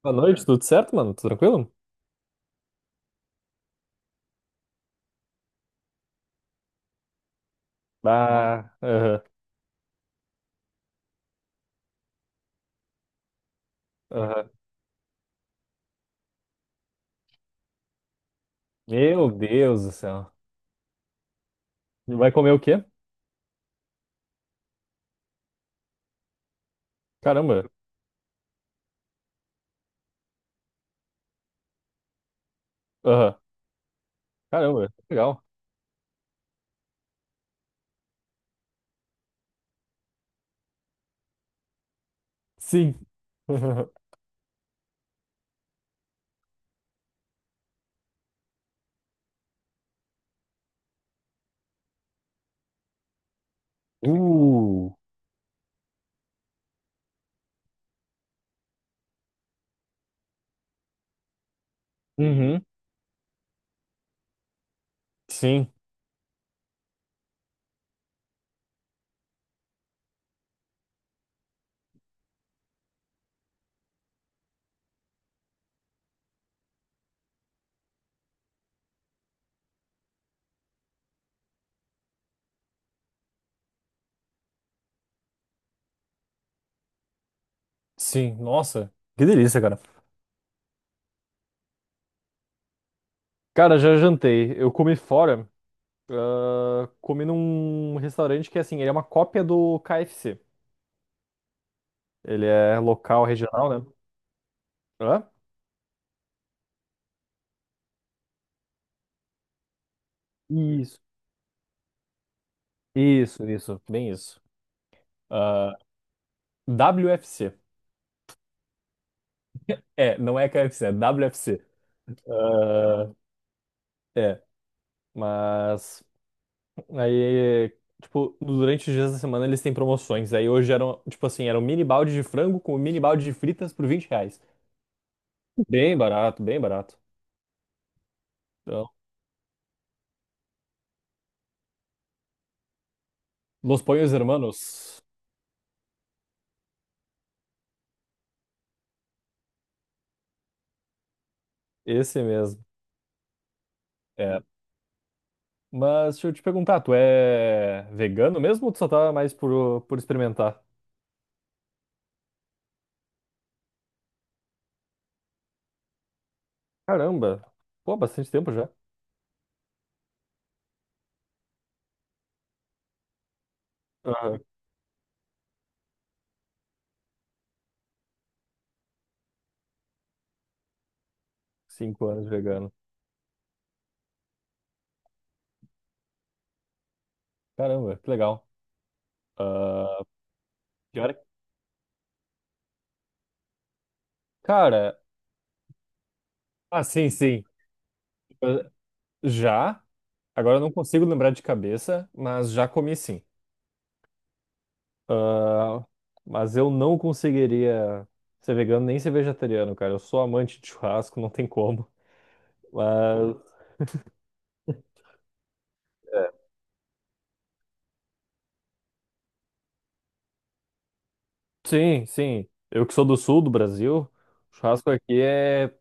Boa noite, tudo certo, mano? Tudo tranquilo? Ah, aham, aham. Meu Deus do céu. Vai comer o quê? Caramba. Aham. Caramba, legal. Sim. Uh. Uhum. Sim, sim. Nossa, que delícia, cara. Cara, já jantei. Eu comi fora. Ah, comi num restaurante que, assim, ele é uma cópia do KFC. Ele é local, regional, né? Hã? Isso. Isso, isso. Bem isso. Ah, WFC. É, não é KFC, é WFC. Ah, é, mas aí, tipo, durante os dias da semana eles têm promoções. Aí hoje eram, tipo assim, era um mini balde de frango com um mini balde de fritas por R$ 20. Bem barato, bem barato. Então, Los Pollos Hermanos, esse mesmo. É. Mas deixa eu te perguntar, tu é vegano mesmo ou tu só tá mais por, experimentar? Caramba, pô, bastante tempo já. Aham. 5 anos vegano. Caramba, que legal. Que hora? Cara, ah, sim, sim. Ah, já, agora eu não consigo lembrar de cabeça, mas já comi sim. Ah, mas eu não conseguiria ser vegano nem ser vegetariano, cara. Eu sou amante de churrasco, não tem como. Mas sim, sim. Eu que sou do sul do Brasil, churrasco aqui é,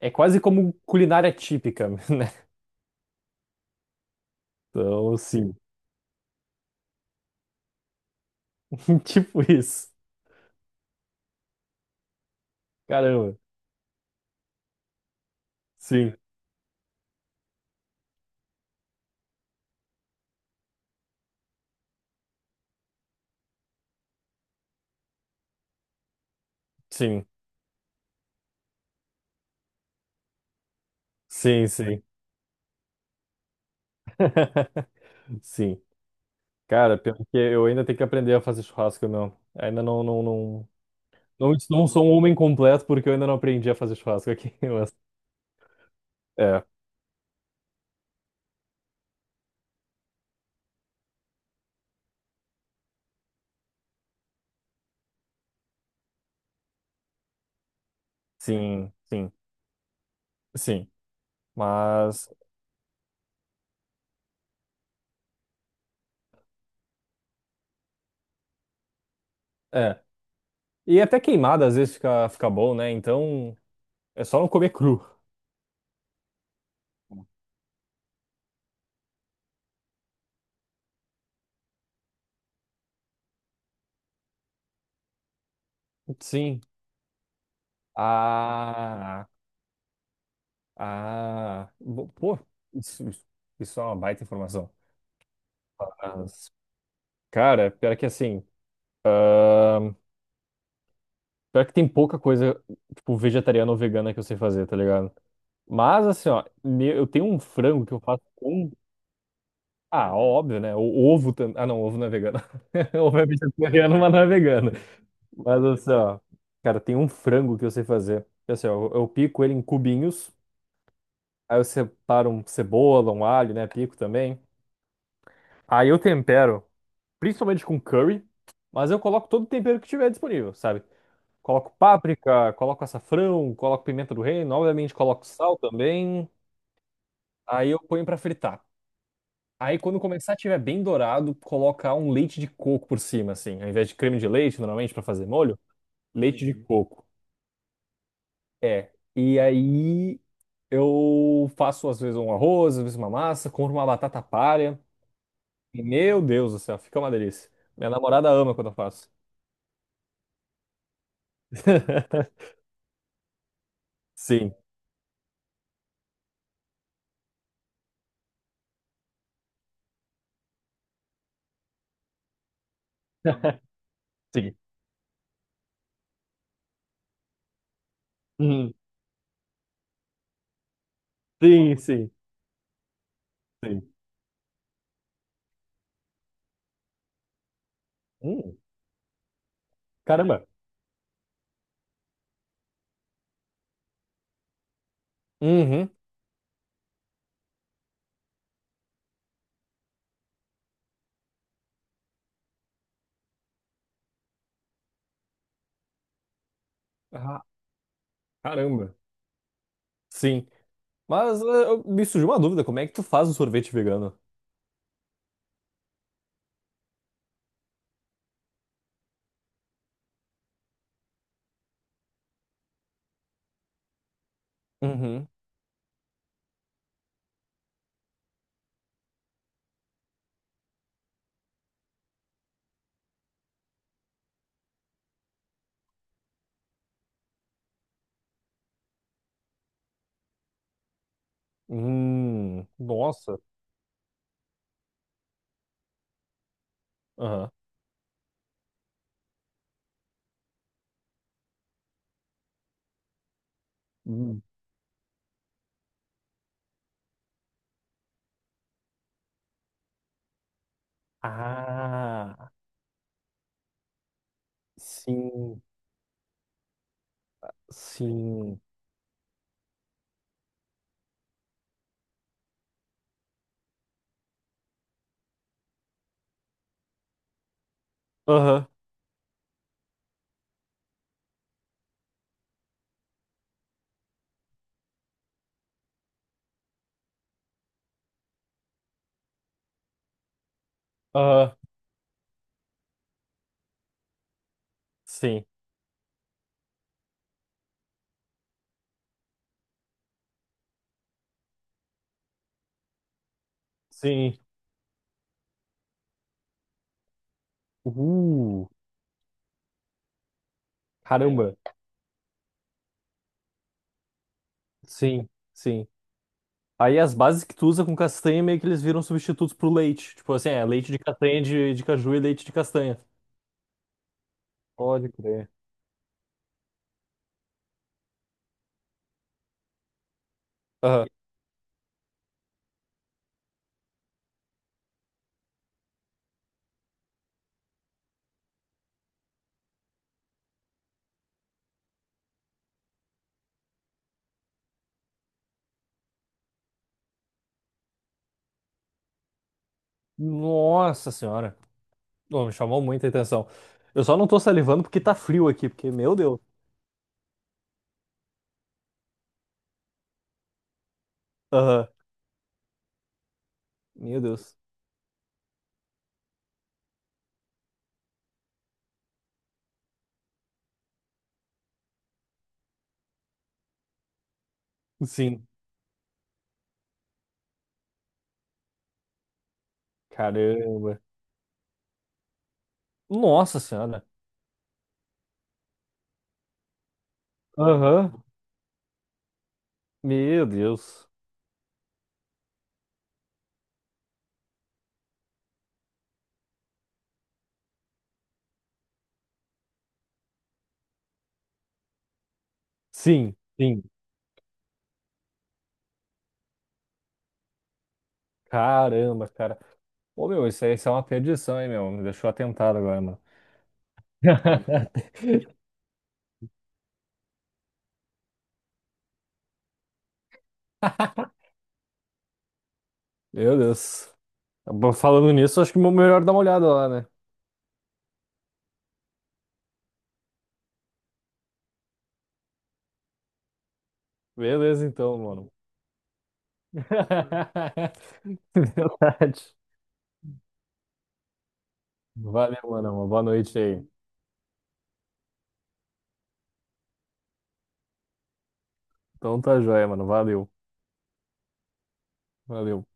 é quase como culinária típica, né? Então, sim, tipo isso. Caramba. Sim, sim, sim, sim. Sim. Cara, pior que eu ainda tenho que aprender a fazer churrasco, meu. Ainda não, não, não, não, não sou um homem completo porque eu ainda não aprendi a fazer churrasco aqui. É, sim, sim, sim. Mas, é. E até queimada às vezes fica bom, né? Então, é só não comer cru. Sim. Ah, ah. Pô, isso, isso isso é uma baita informação. Mas, cara, pior que assim, pior que tem pouca coisa, tipo, vegetariana ou vegana que eu sei fazer, tá ligado? Mas assim, ó, eu tenho um frango que eu faço com. Ah, óbvio, né? O ovo também. Ah, não, ovo não é vegano. Ovo é vegetariano, mas não é vegano. Mas assim, ó, cara, tem um frango que eu sei fazer. Assim, ó, eu pico ele em cubinhos, aí eu separo um cebola, um alho, né? Pico também. Aí eu tempero, principalmente com curry, mas eu coloco todo o tempero que tiver disponível, sabe? Coloco páprica, coloco açafrão, coloco pimenta do reino, obviamente coloco sal também. Aí eu ponho pra fritar. Aí quando começar a tiver bem dourado, colocar um leite de coco por cima, assim. Ao invés de creme de leite, normalmente, pra fazer molho, leite de coco. É. E aí eu faço às vezes um arroz, às vezes uma massa, compro uma batata palha. E, meu Deus do céu, fica uma delícia. Minha namorada ama quando eu faço. Sim, sim. Uhum. Sim, sim, sim. Hum, caramba. Uhum. Ah, caramba. Sim. Mas me surgiu uma dúvida, como é que tu faz o sorvete vegano? Uhum. Nossa. Aham. Hum. Ah, sim, sim. Aham, aham, sim, sim. Uh, Caramba. Sim, sim. Aí as bases que tu usa com castanha meio que eles viram substitutos pro leite. Tipo assim, é leite de castanha de caju e leite de castanha. Pode crer. Aham. Nossa senhora. Ô, me chamou muita atenção. Eu só não tô salivando porque tá frio aqui, porque, meu Deus. Aham. Meu Deus. Sim. Caramba. Nossa senhora. Aham. Meu Deus. Sim, sim. Caramba, cara. Ô, meu, isso aí, isso é uma perdição, hein, meu? Me deixou atentado agora, mano. Meu Deus. Bom, falando nisso, acho que é melhor dar uma olhada lá, né? Beleza, então, mano. Verdade. Valeu, mano. Uma boa noite aí. Então tá joia, mano. Valeu. Valeu.